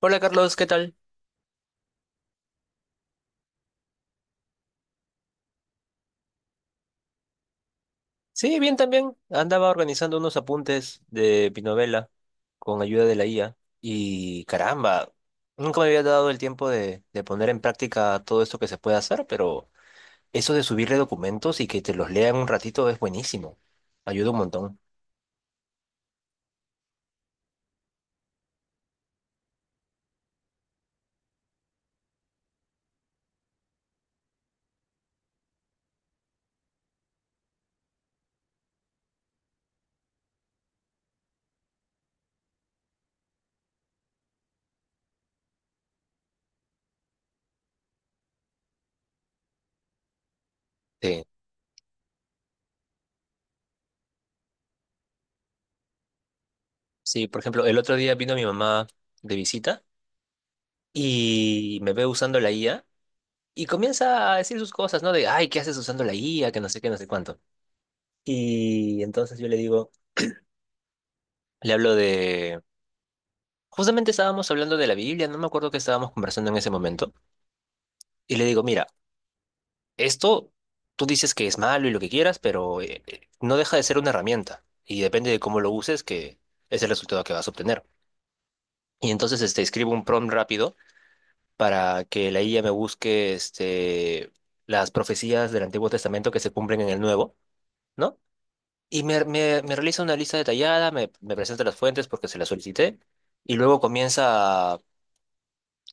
Hola Carlos, ¿qué tal? Sí, bien también. Andaba organizando unos apuntes de mi novela con ayuda de la IA y caramba, nunca me había dado el tiempo de poner en práctica todo esto que se puede hacer, pero eso de subirle documentos y que te los lean un ratito es buenísimo. Ayuda un montón. Sí. Sí, por ejemplo, el otro día vino mi mamá de visita y me ve usando la IA y comienza a decir sus cosas, ¿no? De, ay, ¿qué haces usando la IA? Que no sé qué, no sé cuánto. Y entonces yo le digo. Le hablo de. Justamente estábamos hablando de la Biblia, no me acuerdo qué estábamos conversando en ese momento. Y le digo, mira, esto tú dices que es malo y lo que quieras, pero no deja de ser una herramienta. Y depende de cómo lo uses, que es el resultado que vas a obtener. Y entonces este, escribo un prompt rápido para que la IA me busque este, las profecías del Antiguo Testamento que se cumplen en el Nuevo, ¿no? Y me realiza una lista detallada, me presenta las fuentes porque se las solicité. Y luego comienza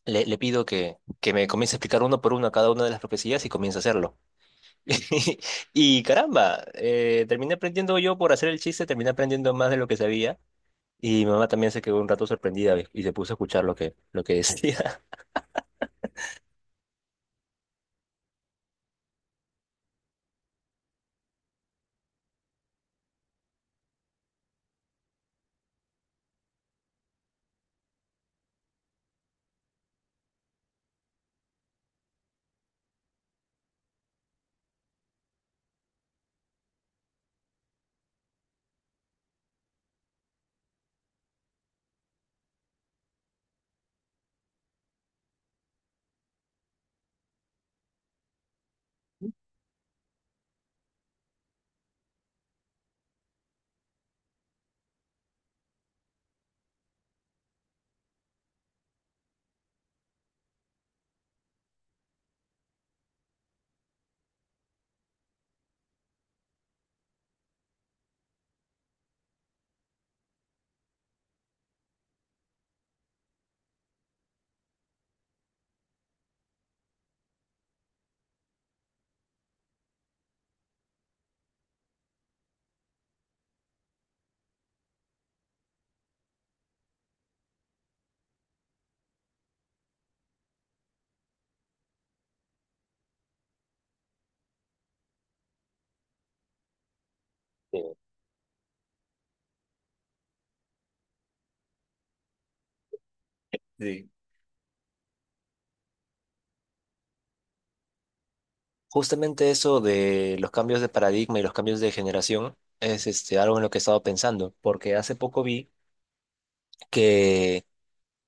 le, le pido que me comience a explicar uno por uno cada una de las profecías y comience a hacerlo. Y caramba, terminé aprendiendo yo por hacer el chiste, terminé aprendiendo más de lo que sabía. Y mi mamá también se quedó un rato sorprendida y se puso a escuchar lo que decía. Eh, Sí. Justamente eso de los cambios de paradigma y los cambios de generación es este, algo en lo que he estado pensando, porque hace poco vi que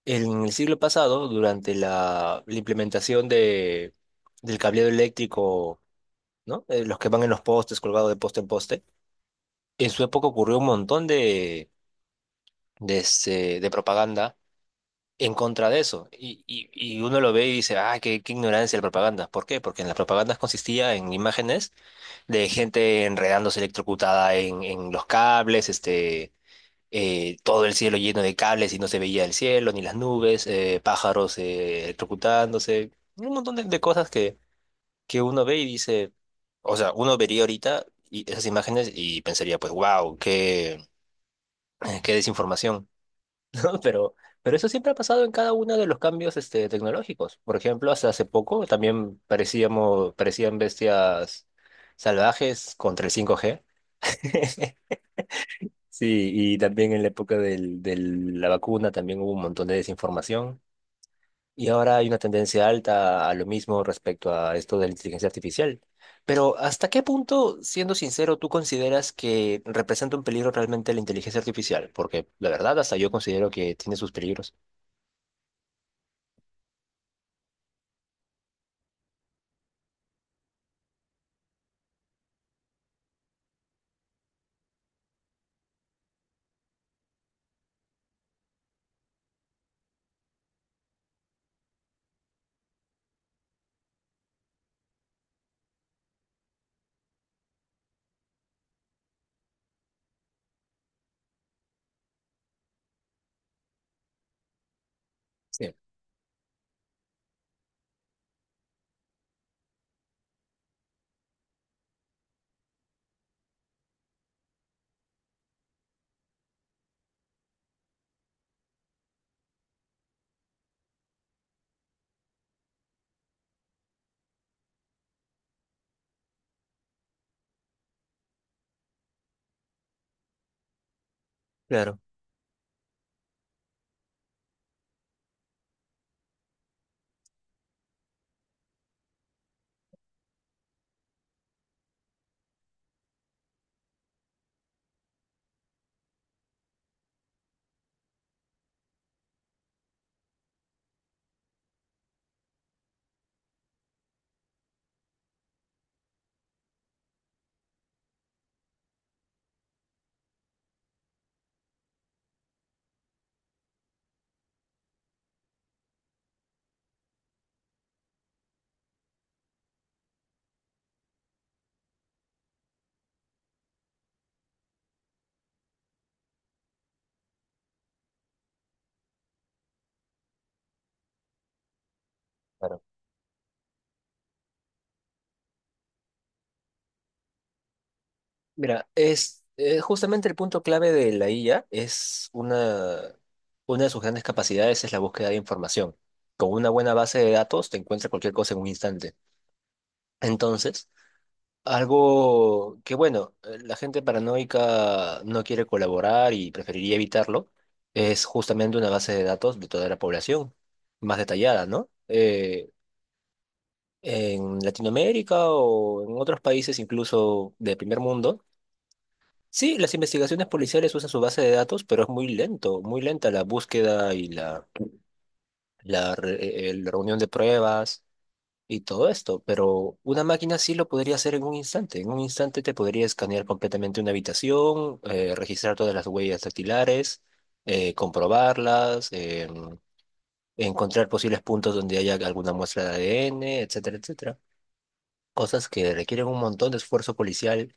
en el siglo pasado, durante la implementación del cableado eléctrico, ¿no? Los que van en los postes, colgados de poste en poste. En su época ocurrió un montón de propaganda en contra de eso. Y uno lo ve y dice, ah, qué ignorancia de la propaganda. ¿Por qué? Porque en las propagandas consistía en imágenes de gente enredándose electrocutada en los cables, todo el cielo lleno de cables y no se veía el cielo ni las nubes, pájaros electrocutándose, un montón de cosas que uno ve y dice, o sea, uno vería ahorita y esas imágenes y pensaría, pues, wow, qué desinformación, ¿no? Pero eso siempre ha pasado en cada uno de los cambios este, tecnológicos. Por ejemplo, hasta hace poco también parecíamos, parecían bestias salvajes contra el 5G. Sí, y también en la época del, de la vacuna también hubo un montón de desinformación. Y ahora hay una tendencia alta a lo mismo respecto a esto de la inteligencia artificial. Pero ¿hasta qué punto, siendo sincero, tú consideras que representa un peligro realmente la inteligencia artificial? Porque la verdad, hasta yo considero que tiene sus peligros. Sí. Claro, claro. Mira, es justamente el punto clave de la IA es una de sus grandes capacidades es la búsqueda de información. Con una buena base de datos te encuentra cualquier cosa en un instante. Entonces, algo que, bueno, la gente paranoica no quiere colaborar y preferiría evitarlo, es justamente una base de datos de toda la población, más detallada, ¿no? En Latinoamérica o en otros países incluso de primer mundo, sí, las investigaciones policiales usan su base de datos, pero es muy lento, muy lenta la búsqueda y la reunión de pruebas y todo esto, pero una máquina sí lo podría hacer en un instante. En un instante te podría escanear completamente una habitación, registrar todas las huellas dactilares, comprobarlas, encontrar posibles puntos donde haya alguna muestra de ADN, etcétera, etcétera. Cosas que requieren un montón de esfuerzo policial,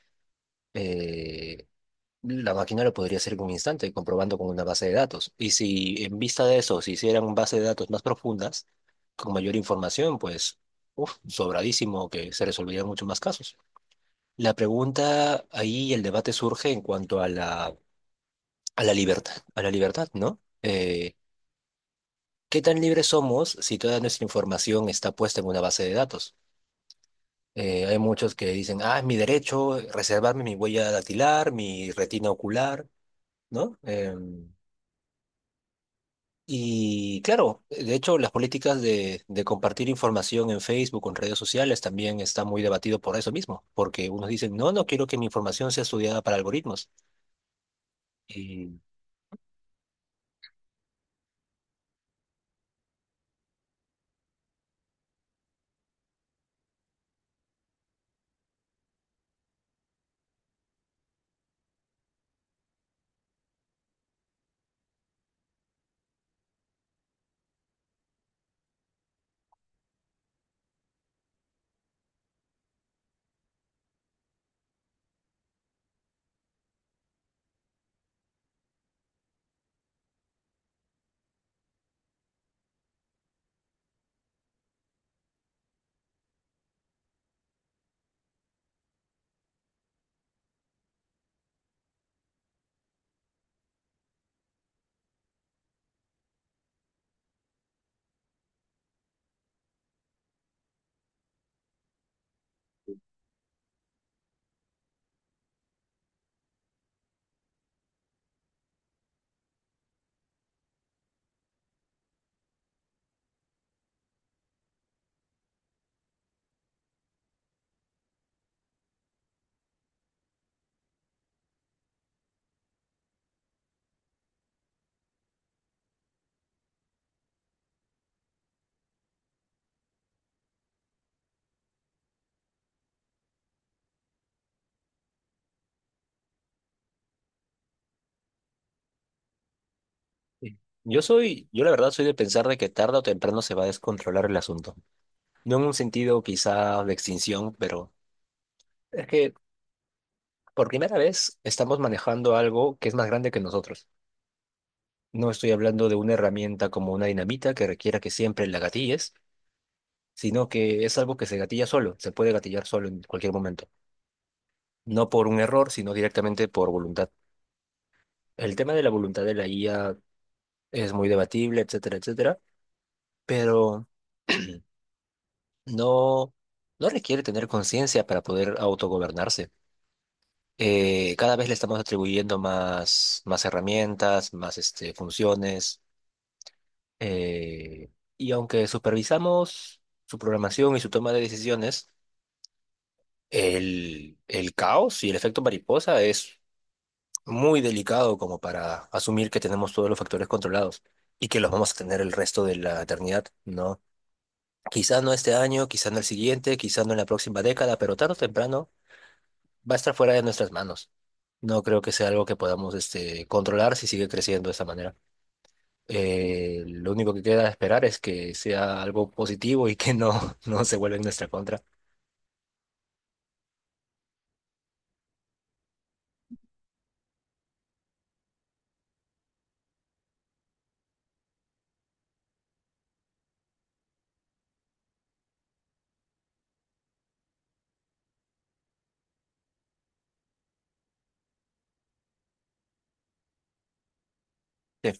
eh, la máquina lo podría hacer en un instante, comprobando con una base de datos. Y si en vista de eso se hicieran base de datos más profundas, con mayor información, pues, uf, sobradísimo que se resolverían muchos más casos. La pregunta ahí, el debate surge en cuanto a la libertad, a la libertad, ¿no? ¿Qué tan libres somos si toda nuestra información está puesta en una base de datos? Hay muchos que dicen, ah, es mi derecho reservarme mi huella dactilar, mi retina ocular, ¿no? Y claro, de hecho, las políticas de compartir información en Facebook o en redes sociales también está muy debatido por eso mismo, porque unos dicen, no, no quiero que mi información sea estudiada para algoritmos. Y y yo la verdad soy de pensar de que tarde o temprano se va a descontrolar el asunto. No en un sentido quizá de extinción, pero es que por primera vez estamos manejando algo que es más grande que nosotros. No estoy hablando de una herramienta como una dinamita que requiera que siempre la gatilles, sino que es algo que se gatilla solo, se puede gatillar solo en cualquier momento. No por un error, sino directamente por voluntad. El tema de la voluntad de la IA es muy debatible, etcétera, etcétera, pero no, no requiere tener conciencia para poder autogobernarse. Cada vez le estamos atribuyendo más herramientas, más este, funciones, eh, y aunque supervisamos su programación y su toma de decisiones, el caos y el efecto mariposa es muy delicado como para asumir que tenemos todos los factores controlados y que los vamos a tener el resto de la eternidad, ¿no? Quizá no este año, quizá no el siguiente, quizá no en la próxima década, pero tarde o temprano va a estar fuera de nuestras manos. No creo que sea algo que podamos este, controlar si sigue creciendo de esta manera. Lo único que queda esperar es que sea algo positivo y que no, no se vuelva en nuestra contra. Sí,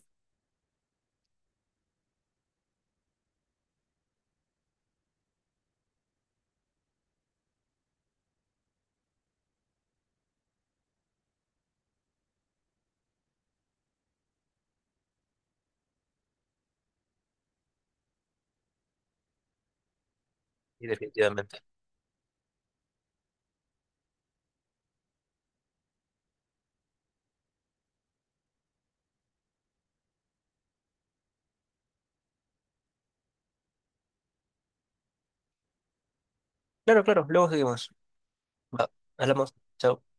sí, definitivamente. Claro, claro, luego seguimos. Va, hablamos. Chao.